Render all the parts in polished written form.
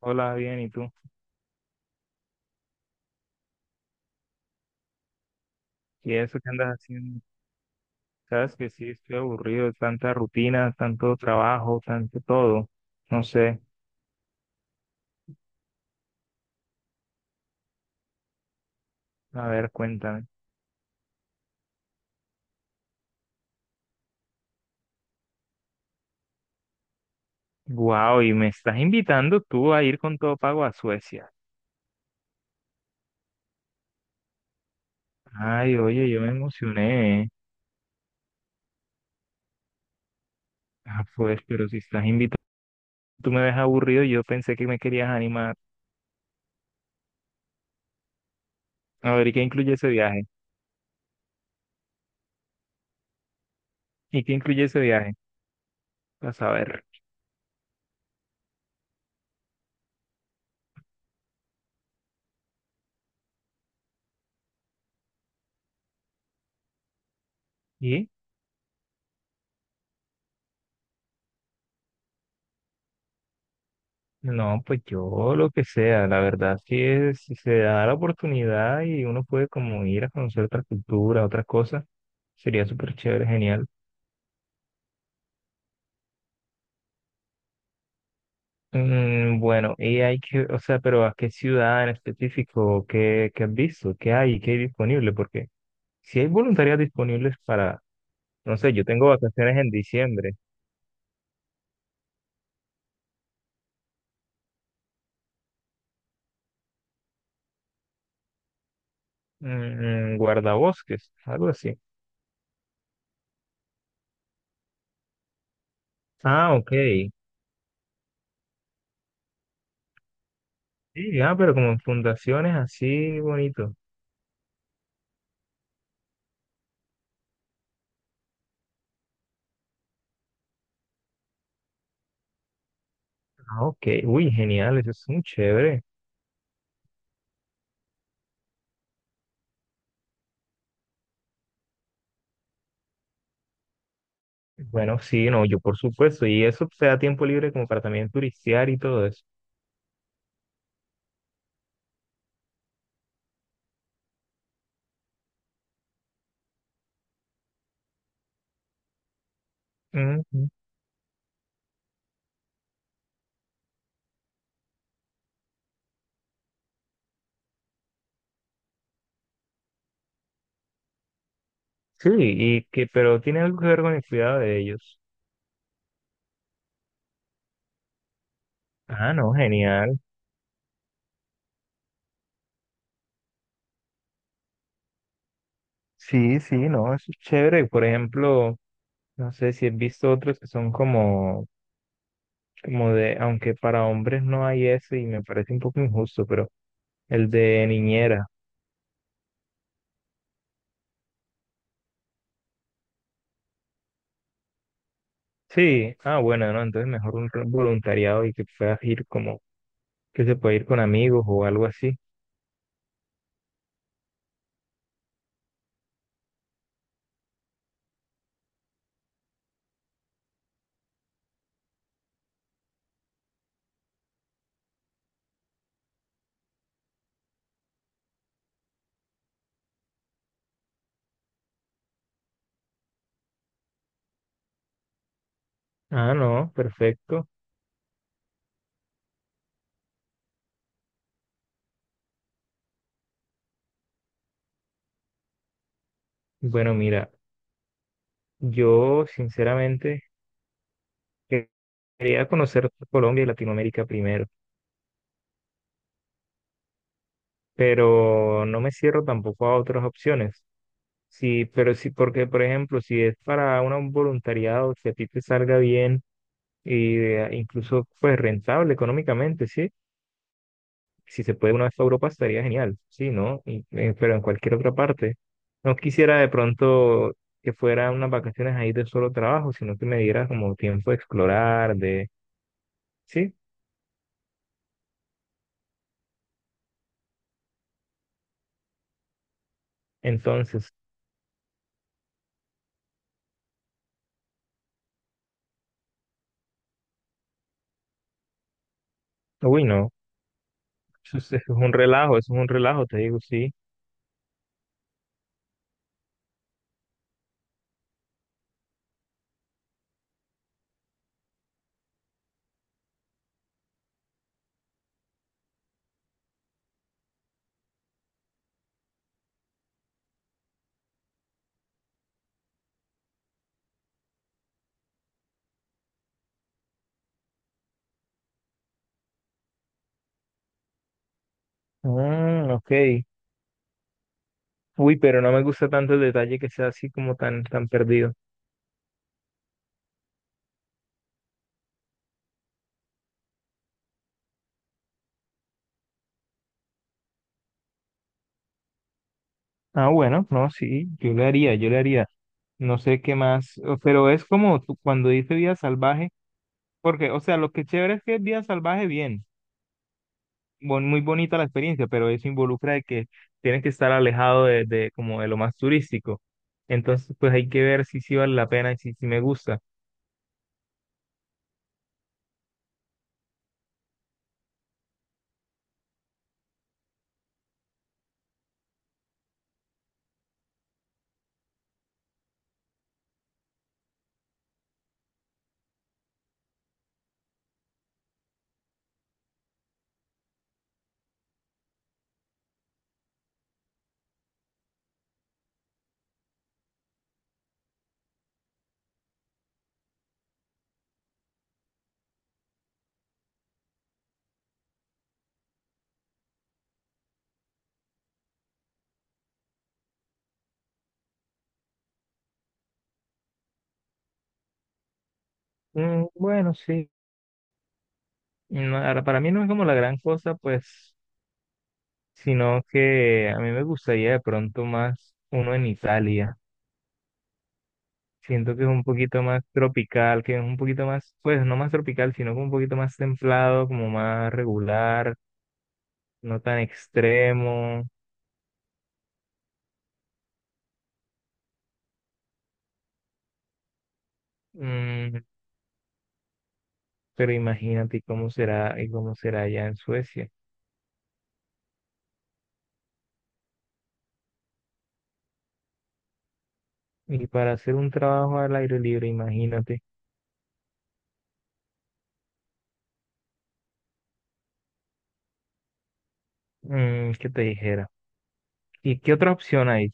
Hola, bien, ¿y tú? ¿Y eso qué andas haciendo? Sabes que sí, estoy aburrido, de tanta rutina, tanto trabajo, tanto todo. No sé, a ver, cuéntame. Wow, y me estás invitando tú a ir con todo pago a Suecia. Ay, oye, yo me emocioné. Ah, pues, pero si estás invitando, tú me ves aburrido, yo pensé que me querías animar. A ver, ¿y qué incluye ese viaje? ¿Y qué incluye ese viaje? A saber. ¿Y? No, pues yo lo que sea, la verdad, sí es, si se da la oportunidad y uno puede como ir a conocer otra cultura, otras cosas, sería súper chévere, genial. Mm, bueno, y hay que, o sea, pero ¿a qué ciudad en específico? ¿Qué, qué has visto? ¿Qué hay? ¿Qué hay disponible? Porque si hay voluntarias disponibles para, no sé, yo tengo vacaciones en diciembre. Mm, mm, guardabosques, algo así. Ah, ok. Sí, ah, pero como en fundaciones así bonito. Ah, ok, uy, genial, eso es muy chévere. Bueno, sí, no, yo por supuesto, y eso te da tiempo libre como para también turistear y todo eso. Ujú. Sí, y que, pero tiene algo que ver con el cuidado de ellos. Ah, no, genial. Sí, sí, no, eso es chévere. Por ejemplo, no sé si has visto otros que son como, como de, aunque para hombres no hay eso y me parece un poco injusto, pero el de niñera. Sí, ah, bueno, no, entonces mejor un voluntariado y que puedas ir como que se puede ir con amigos o algo así. Ah, no, perfecto. Bueno, mira, yo sinceramente que- quería conocer Colombia y Latinoamérica primero, pero no me cierro tampoco a otras opciones. Sí, pero sí, porque por ejemplo, si es para un voluntariado, si a ti te salga bien y incluso pues rentable económicamente, ¿sí? Si se puede una vez a Europa, estaría genial, sí, ¿no? Pero en cualquier otra parte. No quisiera de pronto que fuera unas vacaciones ahí de solo trabajo, sino que me diera como tiempo de explorar, de... Sí, entonces, uy, no, eso es un relajo, eso es un relajo, te digo, sí. Mm, ok. Uy, pero no me gusta tanto el detalle que sea así como tan, tan perdido. Ah, bueno, no, sí, yo le haría, yo le haría. No sé qué más, pero es como cuando dice vida salvaje. Porque, o sea, lo que chévere es que es vida salvaje, bien, muy bonita la experiencia, pero eso involucra de que tienes que estar alejado de, como de lo más turístico. Entonces, pues hay que ver si sí vale la pena y si, si me gusta. Mm, bueno, sí. No, ahora, para mí no es como la gran cosa, pues, sino que a mí me gustaría de pronto más uno en Italia. Siento que es un poquito más tropical, que es un poquito más, pues, no más tropical, sino como un poquito más templado, como más regular, no tan extremo. Mm, pero imagínate cómo será y cómo será allá en Suecia. Y para hacer un trabajo al aire libre, imagínate, mm, qué te dijera. ¿Y qué otra opción hay?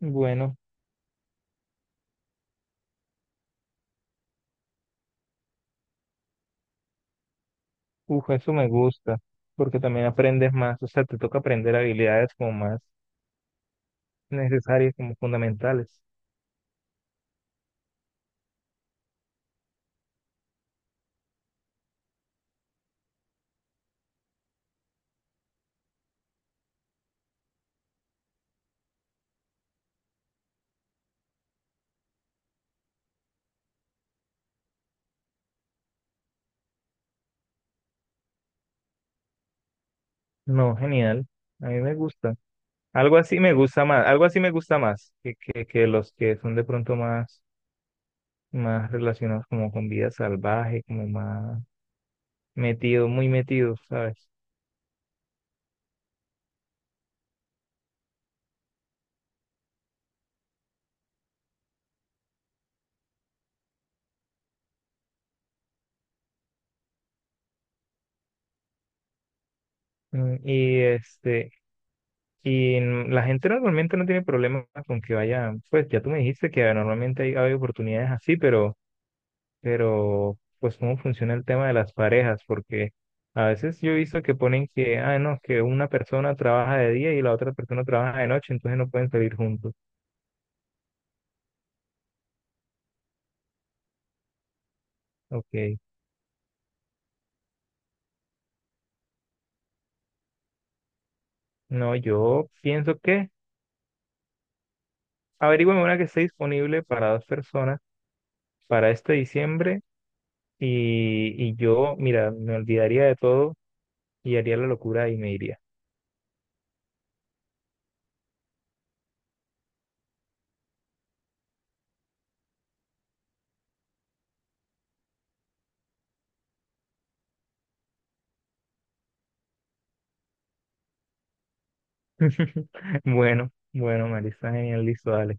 Bueno, uf, eso me gusta, porque también aprendes más, o sea, te toca aprender habilidades como más necesarias, como fundamentales. No, genial, a mí me gusta. Algo así me gusta más, algo así me gusta más que los que son de pronto más, más relacionados como con vida salvaje, como más metido, muy metido, ¿sabes? Mm, y este, la gente normalmente no tiene problemas con que vayan, pues ya tú me dijiste que normalmente hay, hay oportunidades así, pero, pues cómo funciona el tema de las parejas, porque a veces yo he visto que ponen que, ah, no, que una persona trabaja de día y la otra persona trabaja de noche, entonces no pueden salir juntos. Ok, no, yo pienso que averigüen una que esté disponible para dos personas para este diciembre y yo, mira, me olvidaría de todo y haría la locura y me iría. Bueno, bueno, Marisa, genial, listo, dale.